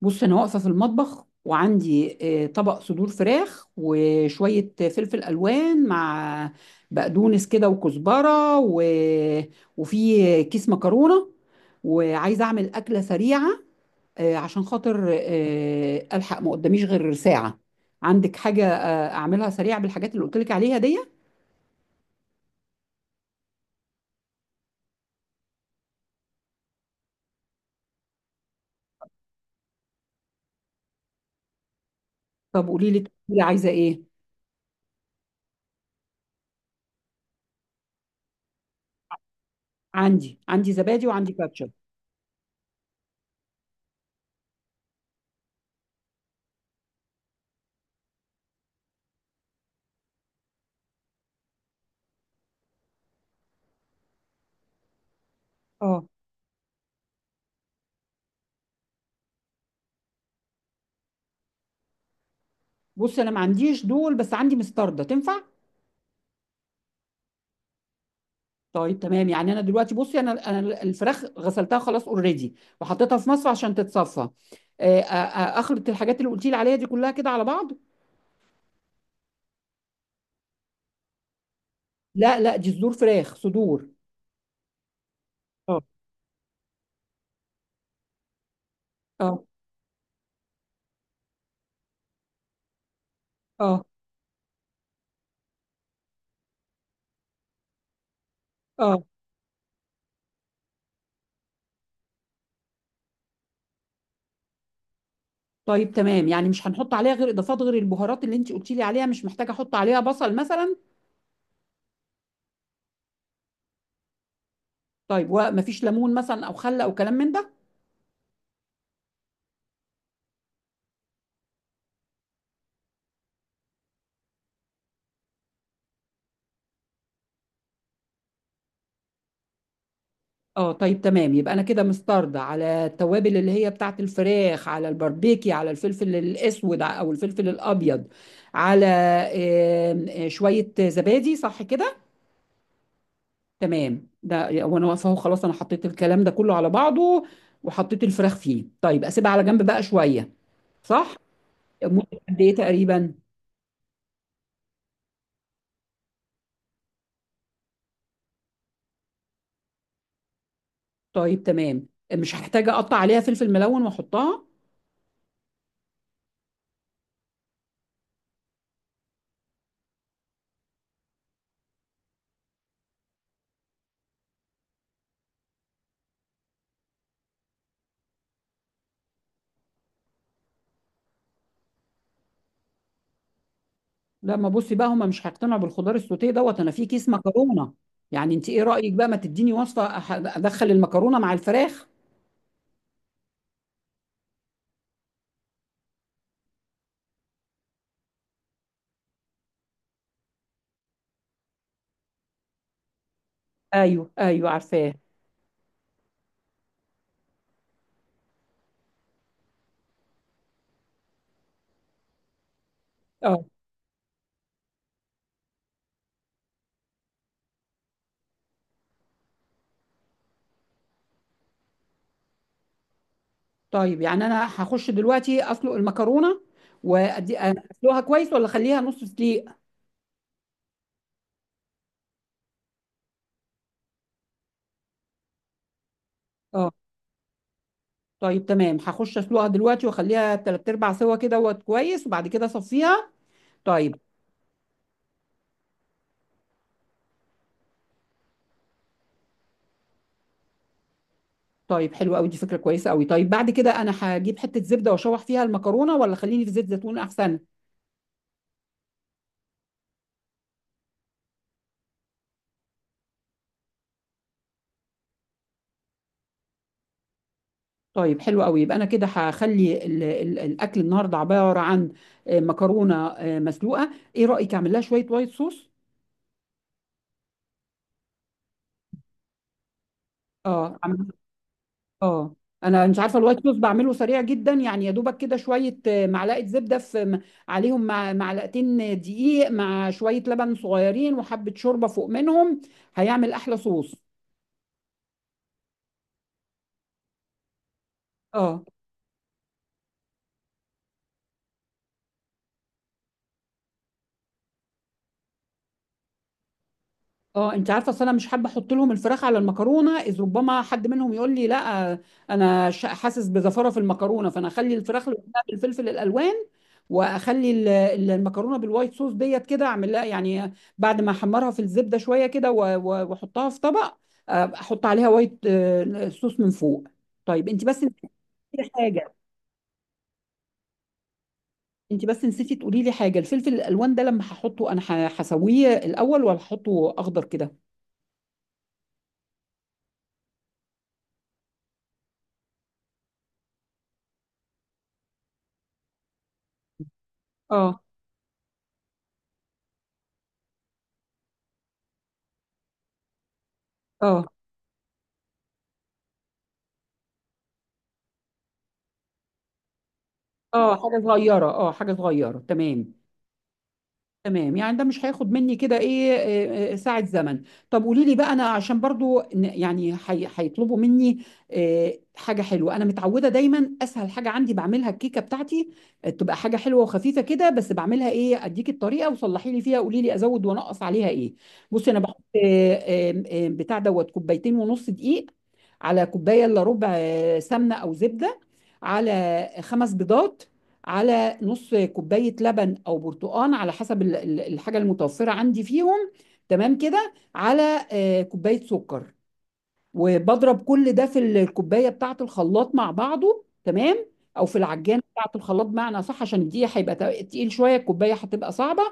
بص انا واقفه في المطبخ وعندي طبق صدور فراخ وشويه فلفل الوان مع بقدونس كده وكزبره وفي كيس مكرونه وعايزه اعمل اكله سريعه. عشان خاطر الحق ما قداميش غير ساعه. عندك حاجه اعملها سريعه بالحاجات اللي قلت لك عليها دي؟ طب قولي لي التتبيلة عايزه ايه؟ عندي زبادي وعندي كاتشب. اه، بص انا ما عنديش دول بس عندي مستردة تنفع. طيب تمام، يعني انا دلوقتي بصي انا الفراخ غسلتها خلاص اوريدي، وحطيتها في مصفى عشان تتصفى. آه، آه، اخلط الحاجات اللي قلتي لي عليها دي كلها كده على بعض. لا لا، دي صدور فراخ صدور. اه، اه، اه، اه. طيب تمام، يعني مش هنحط عليها غير اضافات، غير البهارات اللي انت قلتي لي عليها. مش محتاجه احط عليها بصل مثلا؟ طيب، ومفيش ليمون مثلا او خل او كلام من ده؟ اه، طيب تمام، يبقى انا كده مستعرضه على التوابل اللي هي بتاعت الفراخ، على الباربيكي، على الفلفل الاسود او الفلفل الابيض، على آم، آه، شويه زبادي. صح كده؟ تمام، ده وانا واقفه اهو خلاص، انا حطيت الكلام ده كله على بعضه وحطيت الفراخ فيه. طيب اسيبها على جنب بقى شويه؟ صح؟ مدة قد ايه تقريبا؟ طيب تمام. مش هحتاج اقطع عليها فلفل ملون واحطها؟ لا، ما بصي بقى، هما مش هيقتنعوا بالخضار السوتيه دوت. انا في كيس مكرونه، يعني انت ايه رايك بقى، ما تديني وصفه ادخل المكرونه مع الفراخ؟ ايوه ايوه، عارفاه. اه، طيب يعني انا هخش دلوقتي اسلق المكرونه، وادي اسلقها كويس ولا اخليها نص سليق؟ اه، طيب تمام، هخش اسلقها دلوقتي واخليها تلات ارباع سوا كده وقت كويس وبعد كده اصفيها. طيب. طيب حلو قوي، دي فكره كويسه قوي. طيب بعد كده انا هجيب حته زبده واشوح فيها المكرونه ولا خليني في زيت زيتون احسن؟ طيب حلو قوي، يبقى انا كده هخلي الاكل النهارده عباره عن مكرونه مسلوقه. ايه رايك اعمل لها شويه وايت صوص؟ اه، اه، انا مش عارفه الوايت صوص، بعمله سريع جدا، يعني يا دوبك كده شويه معلقه زبده عليهم، مع معلقتين دقيق، مع شويه لبن صغيرين، وحبه شوربه فوق منهم. هيعمل احلى صوص. اه. اه، انت عارفه اصل انا مش حابه احط لهم الفراخ على المكرونه، اذ ربما حد منهم يقول لي لا، انا حاسس بزفره في المكرونه. فانا اخلي الفراخ لوحدها بالفلفل الالوان، واخلي المكرونه بالوايت صوص ديت كده. اعمل لها يعني بعد ما احمرها في الزبده شويه كده واحطها في طبق، احط عليها وايت صوص من فوق. طيب انت بس نسيتي حاجه، انت بس نسيتي تقولي لي حاجه. الفلفل الالوان ده لما هحطه، انا هسويه الاول ولا هحطه اخضر كده؟ اه، اه، اه، حاجه صغيره، اه، حاجه صغيره، تمام. تمام يعني ده مش هياخد مني كده ايه، ساعه زمن؟ طب قولي لي بقى، انا عشان برضو يعني هيطلبوا مني حاجه حلوه. انا متعوده دايما اسهل حاجه عندي بعملها الكيكه بتاعتي، تبقى حاجه حلوه وخفيفه كده. بس بعملها ايه، اديك الطريقه وصلحي لي فيها، قولي لي ازود وانقص عليها ايه. بصي انا بحط بتاع دوت كوبايتين ونص دقيق، على كوبايه الا ربع سمنه او زبده، على خمس بيضات، على نص كوبايه لبن او برتقان على حسب الحاجه المتوفره عندي فيهم. تمام كده، على كوبايه سكر. وبضرب كل ده في الكوبايه بتاعه الخلاط مع بعضه، تمام، او في العجانه بتاعه الخلاط بمعنى صح، عشان دي هيبقى تقيل شويه، الكوبايه هتبقى صعبه.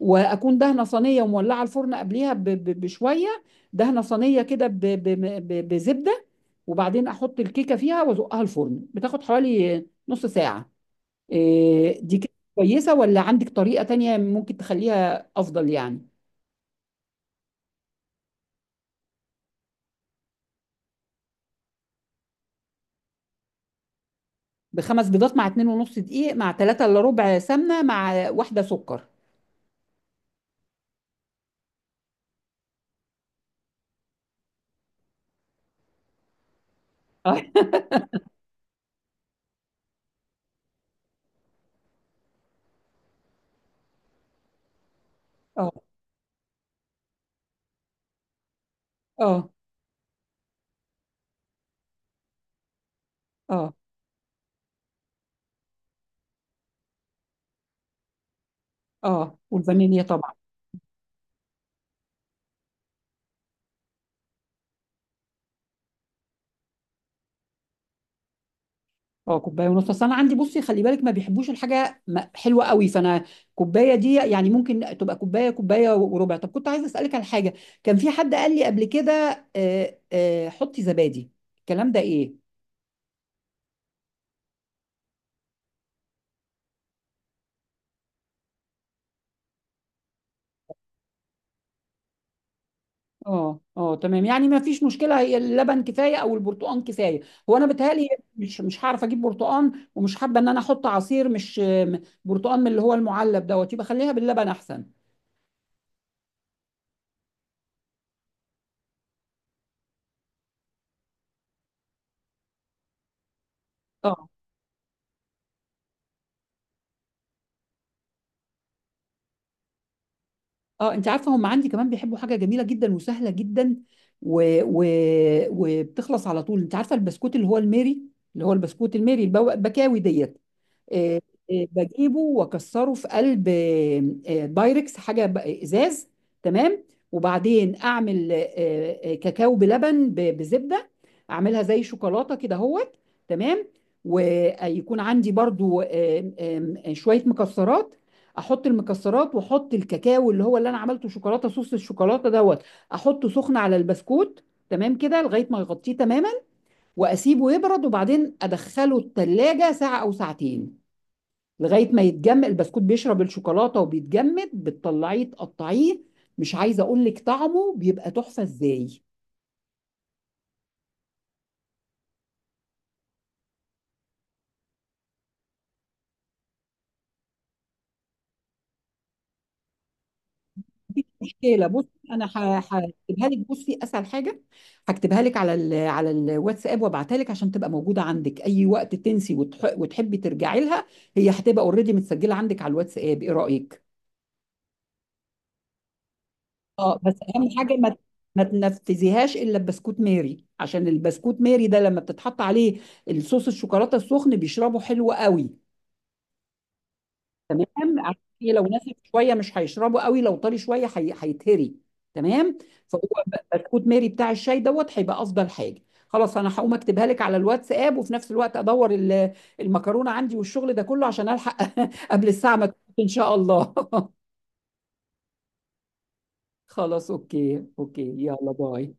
واكون دهنه صينيه ومولعه الفرن قبليها بشويه، دهنه صينيه كده بزبده، وبعدين احط الكيكه فيها وازقها الفرن، بتاخد حوالي نص ساعه. إيه، دي كده كويسة ولا عندك طريقة تانية ممكن تخليها أفضل يعني؟ بخمس بيضات مع اتنين ونص دقيق مع تلاتة إلا ربع سمنة مع واحدة سكر. اه اه، اه، اه، اه، والفانيليا طبعا. اه، كوباية ونص. أصل أنا عندي بصي، خلي بالك ما بيحبوش الحاجة حلوة قوي، فأنا كوباية دي يعني ممكن تبقى كوباية، كوباية وربع. طب كنت عايزة أسألك على حاجة، كان في حد قال لي قبل كده حطي زبادي. الكلام ده إيه؟ اه، اه، تمام، يعني ما فيش مشكله. هي اللبن كفايه او البرتقال كفايه. هو انا بتهيألي مش هعرف اجيب برتقال، ومش حابه ان انا احط عصير مش برتقال من اللي هو المعلب دوت. يبقى خليها باللبن احسن. اه، اه، انت عارفه هم عندي كمان بيحبوا حاجه جميله جدا وسهله جدا و... و... وبتخلص على طول. انت عارفه البسكوت اللي هو الميري، اللي هو البسكوت الميري البكاوي ديت. آه، بجيبه واكسره في قلب بايركس، حاجه ازاز. تمام. وبعدين اعمل كاكاو بلبن بزبده، اعملها زي شوكولاته كده اهوت. تمام. ويكون عندي برضو آم، آم، شويه مكسرات. احط المكسرات واحط الكاكاو اللي هو اللي انا عملته شوكولاته، صوص الشوكولاته دوت، احطه سخن على البسكوت. تمام كده لغايه ما يغطيه تماما. واسيبه يبرد وبعدين ادخله التلاجة ساعه او ساعتين لغاية ما يتجمد. البسكوت بيشرب الشوكولاتة وبيتجمد، بتطلعيه تقطعيه. مش عايزة أقول لك طعمه بيبقى تحفة إزاي. مشكلة، بصي أنا هكتبها لك. بصي أسهل حاجة، هكتبها لك على الواتساب وابعتها لك عشان تبقى موجودة عندك أي وقت تنسي وتحبي ترجعي لها. هي هتبقى اوريدي متسجلة عندك على الواتساب. إيه رأيك؟ اه، بس اهم حاجه ما تنفذيهاش الا ببسكوت ماري. عشان البسكوت ماري ده لما بتتحط عليه الصوص الشوكولاته السخن بيشربه حلو قوي. تمام، عشان إيه؟ لو ناشف شويه مش هيشربه قوي، لو طري شويه هيتهري. تمام. فهو بسكوت ماري بتاع الشاي دوت هيبقى افضل حاجه. خلاص انا هقوم اكتبها لك على الواتساب، وفي نفس الوقت ادور المكرونه عندي والشغل ده كله عشان الحق قبل الساعه ما تكون ان شاء الله خلاص، اوكي اوكي، يلا باي.